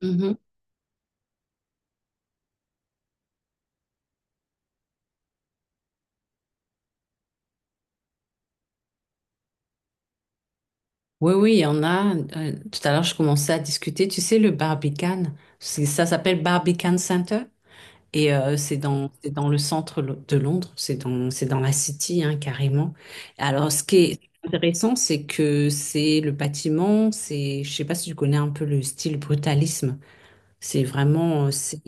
Mhm. Oui, oui, il y en a. Tout à l'heure, je commençais à discuter. Tu sais, le Barbican, ça s'appelle Barbican Center et c'est dans le centre de Londres, c'est dans la City, hein, carrément. Alors, ce qui est intéressant, c'est que c'est le bâtiment, je sais pas si tu connais un peu le style brutalisme. C'est vraiment, c'est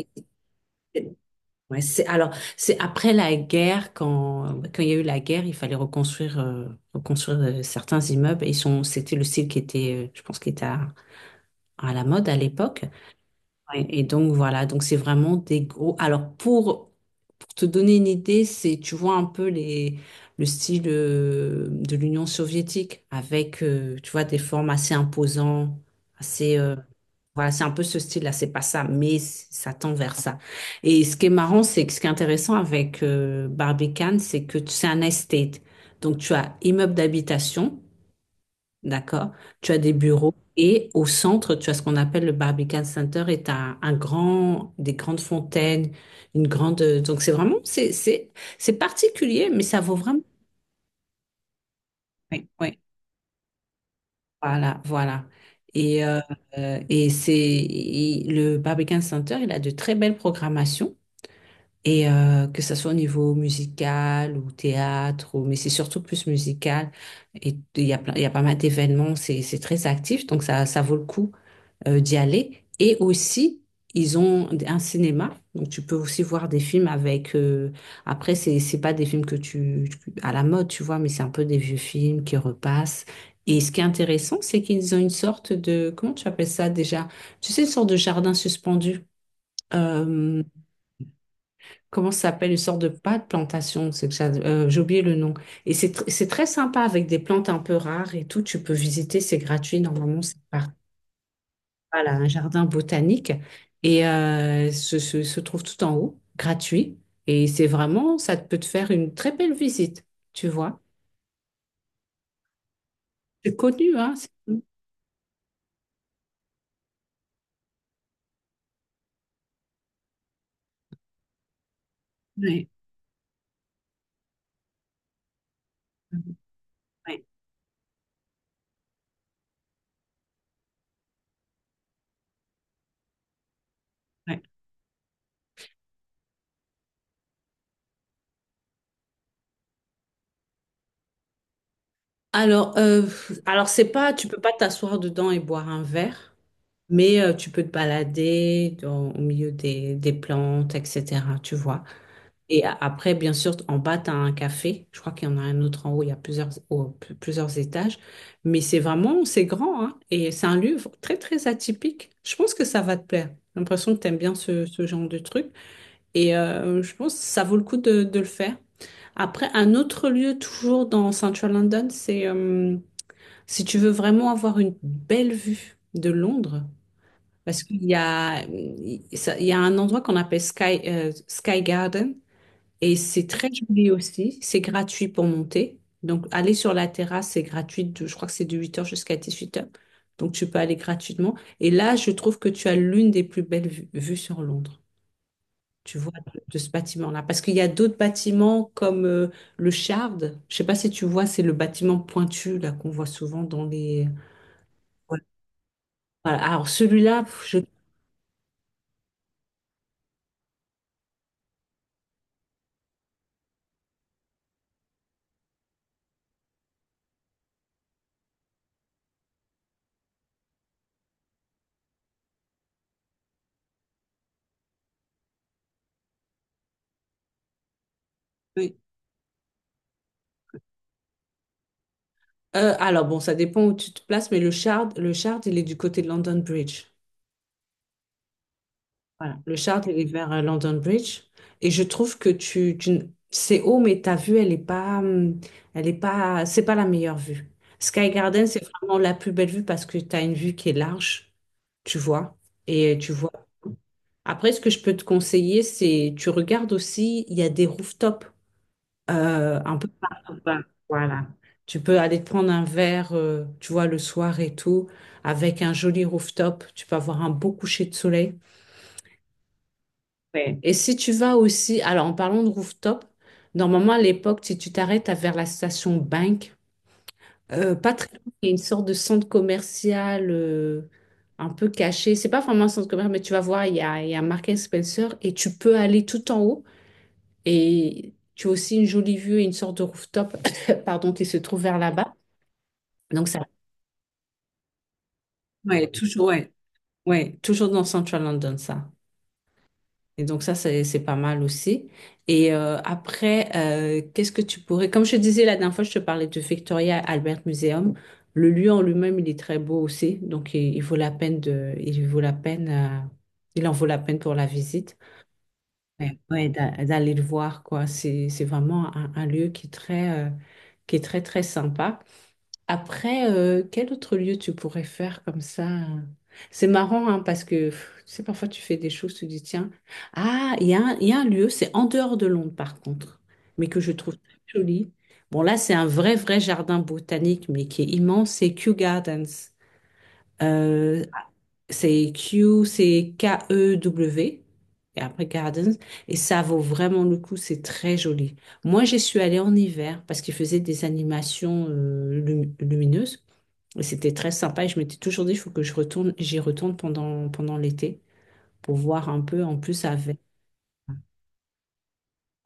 Ouais, c'est après la guerre quand il y a eu la guerre, il fallait reconstruire certains immeubles et ils sont c'était le style qui était je pense qui était à la mode à l'époque. Ouais, et, donc voilà, donc c'est vraiment des gros alors pour te donner une idée, c'est tu vois un peu les le style de l'Union soviétique avec tu vois des formes assez imposantes, assez voilà, c'est un peu ce style-là, c'est pas ça, mais ça tend vers ça. Et ce qui est marrant, c'est que ce qui est intéressant avec Barbican, c'est que c'est un estate. Donc, tu as immeuble d'habitation, d'accord? Tu as des bureaux et au centre, tu as ce qu'on appelle le Barbican Center et tu as un grand, des grandes fontaines, une grande. Donc, c'est vraiment, c'est particulier, mais ça vaut vraiment. Oui, oui. Voilà, voilà. Et, euh, et le Barbican Center, il a de très belles programmations. Et que ça soit au niveau musical ou théâtre, ou mais c'est surtout plus musical. Et il y a il y a pas mal d'événements, c'est très actif, donc ça vaut le coup d'y aller. Et aussi, ils ont un cinéma, donc tu peux aussi voir des films avec. Après, c'est pas des films que tu à la mode, tu vois, mais c'est un peu des vieux films qui repassent. Et ce qui est intéressant, c'est qu'ils ont une sorte de comment tu appelles ça déjà? Tu sais, une sorte de jardin suspendu. Euh, comment ça s'appelle, une sorte de pas de plantation, c'est que j'ai oublié le nom. Et c'est très sympa avec des plantes un peu rares et tout, tu peux visiter, c'est gratuit, normalement c'est par voilà, un jardin botanique et se trouve tout en haut, gratuit. Et c'est vraiment, ça peut te faire une très belle visite, tu vois. C'est connu, hein. Ouais. Ouais. Ouais. Alors, c'est pas, tu peux pas t'asseoir dedans et boire un verre. Mais tu peux te balader au milieu des plantes, etc. Tu vois. Et après, bien sûr, en bas, tu as un café. Je crois qu'il y en a un autre en haut. Il y a plusieurs étages. Mais c'est vraiment, c'est grand, hein. Et c'est un lieu très, très atypique. Je pense que ça va te plaire. J'ai l'impression que tu aimes bien ce genre de truc. Et je pense que ça vaut le coup de le faire. Après, un autre lieu, toujours dans Central London, c'est si tu veux vraiment avoir une belle vue de Londres. Parce qu'il y a un endroit qu'on appelle Sky Garden et c'est très joli aussi. C'est gratuit pour monter. Donc, aller sur la terrasse, c'est gratuit. Je crois que c'est de 8 heures jusqu'à 18 heures, donc, tu peux aller gratuitement. Et là, je trouve que tu as l'une des plus belles vues sur Londres. Tu vois, de ce bâtiment-là. Parce qu'il y a d'autres bâtiments comme le Shard. Je sais pas si tu vois, c'est le bâtiment pointu là qu'on voit souvent dans les. Ouais. Voilà. Alors, celui-là, pff, je. Alors, bon, ça dépend où tu te places, mais le Shard, il est du côté de London Bridge. Voilà, le Shard, il est vers London Bridge. Et je trouve que c'est haut, mais ta vue, elle est pas, c'est pas la meilleure vue. Sky Garden, c'est vraiment la plus belle vue parce que tu as une vue qui est large, tu vois, et tu vois. Après, ce que je peux te conseiller, c'est tu regardes aussi, il y a des rooftops, un peu partout, hein. Voilà. Tu peux aller te prendre un verre, tu vois, le soir et tout, avec un joli rooftop. Tu peux avoir un beau coucher de soleil. Ouais. Et si tu vas aussi, alors en parlant de rooftop, normalement à l'époque, si tu t'arrêtes vers la station Bank, pas très loin, il y a une sorte de centre commercial un peu caché. C'est pas vraiment un centre commercial, mais tu vas voir, il y a Marks and Spencer et tu peux aller tout en haut. Et tu as aussi une jolie vue et une sorte de rooftop, pardon, qui se trouve vers là-bas. Donc ça, ouais, toujours, ouais, ouais, toujours dans Central London, ça. Et donc ça, c'est pas mal aussi. Et après, qu'est-ce que tu pourrais. Comme je te disais la dernière fois, je te parlais de Victoria Albert Museum. Le lieu en lui-même, il est très beau aussi. Donc il vaut la peine de. Il vaut la peine. Il en vaut la peine pour la visite. Ouais, ouais, d'aller le voir, quoi. C'est vraiment un lieu qui est très très sympa. Après, quel autre lieu tu pourrais faire comme ça? C'est marrant, hein, parce que pff, tu sais, parfois tu fais des choses, tu dis, tiens, ah, il y a un lieu, c'est en dehors de Londres par contre, mais que je trouve très joli. Bon, là, c'est un vrai, vrai jardin botanique, mais qui est immense, c'est Kew Gardens. Euh, c'est Kew, c'est K-E-W, et après Gardens, et ça vaut vraiment le coup, c'est très joli. Moi, j'y suis allée en hiver parce qu'ils faisaient des animations lumineuses. Et c'était très sympa et je m'étais toujours dit, il faut que je retourne, j'y retourne pendant l'été pour voir un peu en plus avec.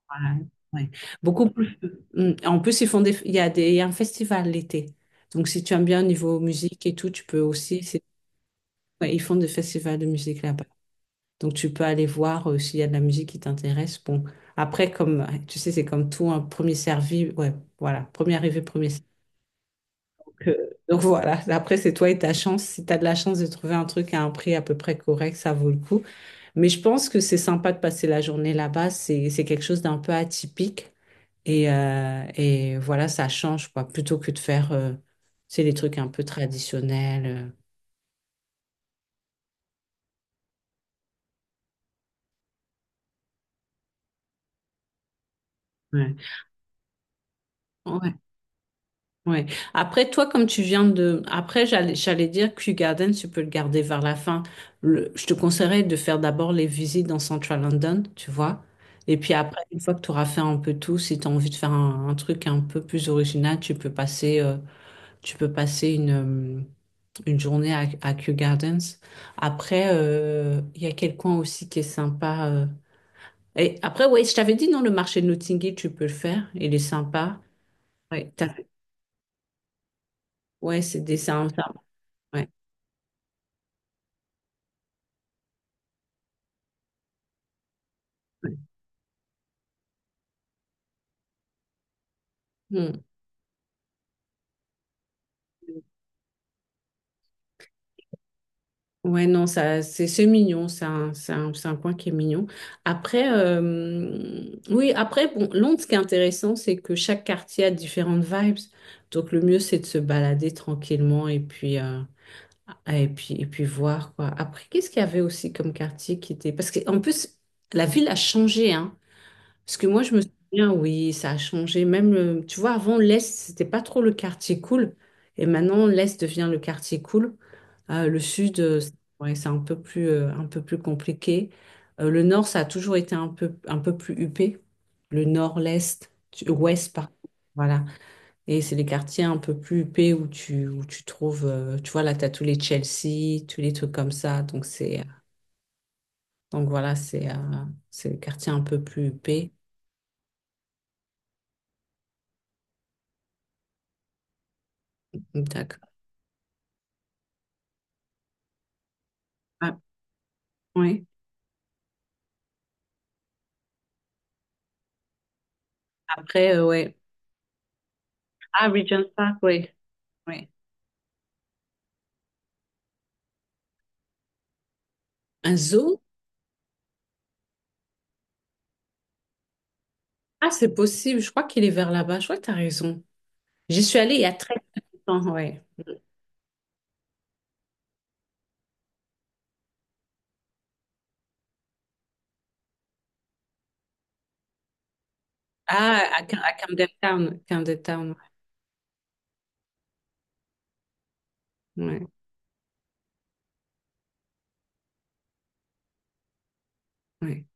Voilà, ouais. Beaucoup plus. Mm. En plus, ils font des, il y a des, il y a un festival l'été. Donc, si tu aimes bien au niveau musique et tout, tu peux aussi. Ouais, ils font des festivals de musique là-bas. Donc, tu peux aller voir s'il y a de la musique qui t'intéresse. Bon, après, comme tu sais, c'est comme tout, un premier servi. Ouais, voilà. Premier arrivé, premier servi. Donc, euh, donc, voilà, après c'est toi et ta chance. Si tu as de la chance de trouver un truc à un prix à peu près correct, ça vaut le coup. Mais je pense que c'est sympa de passer la journée là-bas. C'est quelque chose d'un peu atypique. Et voilà, ça change, quoi, plutôt que de faire, c'est les trucs un peu traditionnels. Ouais. Ouais. Ouais. Après, toi, comme tu viens de. Après, j'allais dire Kew Garden, tu peux le garder vers la fin. Je te conseillerais de faire d'abord les visites dans Central London, tu vois. Et puis après, une fois que tu auras fait un peu tout, si tu as envie de faire un truc un peu plus original, tu peux passer euh, une journée à Kew Gardens. Après, il y a quel coin aussi qui est sympa. Et après, ouais, je t'avais dit, non, le marché de Notting Hill, tu peux le faire. Il est sympa. Ouais, ouais c'est des. Ouais. Ouais. Hmm. Ouais, non, ça, c'est mignon, c'est un coin qui est mignon. Après, oui, après, bon, Londres, ce qui est intéressant, c'est que chaque quartier a différentes vibes. Donc, le mieux, c'est de se balader tranquillement et puis, ah, et puis voir, quoi. Après, qu'est-ce qu'il y avait aussi comme quartier qui était. Parce qu'en plus, la ville a changé, hein. Parce que moi, je me souviens, oui, ça a changé. Même, tu vois, avant, l'Est, c'était pas trop le quartier cool. Et maintenant, l'Est devient le quartier cool. Le Sud, c'est ouais, c'est un peu plus compliqué. Le Nord, ça a toujours été un peu plus huppé. Le Nord, l'Est, Ouest, par Voilà. Et c'est les quartiers un peu plus huppés où tu trouves, tu vois, là, tu as tous les Chelsea, tous les trucs comme ça. Donc, voilà, c'est les quartiers un peu plus huppés. D'accord. Ah, oui. Après, ouais. Ah, Regent's Park, oui. Oui. Un zoo? Ah, c'est possible. Je crois qu'il est vers là-bas. Je crois que tu as raison. J'y suis allée il y a très longtemps, ouais. Ah, à Camden Town. Camden Town, ouais. Ouais. Ouais.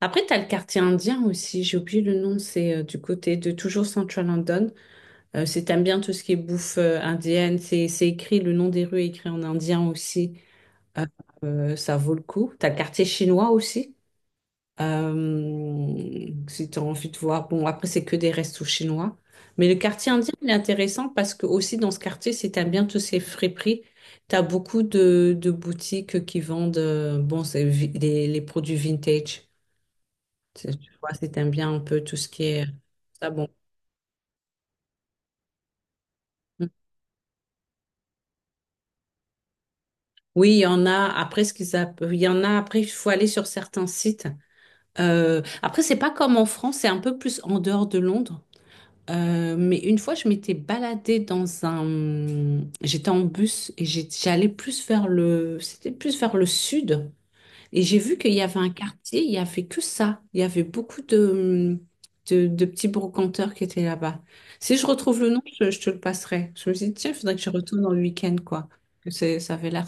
Après, tu as le quartier indien aussi. J'ai oublié le nom. C'est du côté de toujours Central London. Si t'aimes bien tout ce qui est bouffe indienne, c'est écrit, le nom des rues est écrit en indien aussi. Euh, ça vaut le coup. T'as le quartier chinois aussi. Si t'as envie de voir. Bon, après, c'est que des restos chinois. Mais le quartier indien, il est intéressant parce que aussi dans ce quartier, si t'aimes bien tous ces friperies, t'as beaucoup de boutiques qui vendent bon, c'est les produits vintage. Tu vois, si t'aimes bien un peu tout ce qui est. Ça, bon. Oui, il y en a après il y en a après il faut aller sur certains sites. Après, c'est pas comme en France, c'est un peu plus en dehors de Londres. Mais une fois je m'étais baladée dans un j'étais en bus et j'allais plus vers le c'était plus vers le sud et j'ai vu qu'il y avait un quartier, il y avait que ça. Il y avait beaucoup de petits brocanteurs qui étaient là-bas. Si je retrouve le nom, je te le passerai. Je me suis dit tiens, il faudrait que je retourne dans le week-end quoi. Que c'est ça avait l'air.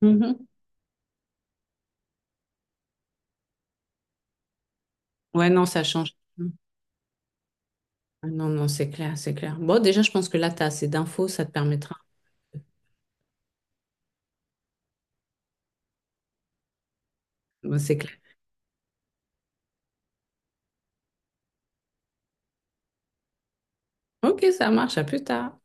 Mhm. Ouais, non, ça change. Ah, non, non, c'est clair, c'est clair. Bon, déjà, je pense que là, tu as assez d'infos, ça te permettra. Bon, c'est clair. Ok, ça marche, à plus tard.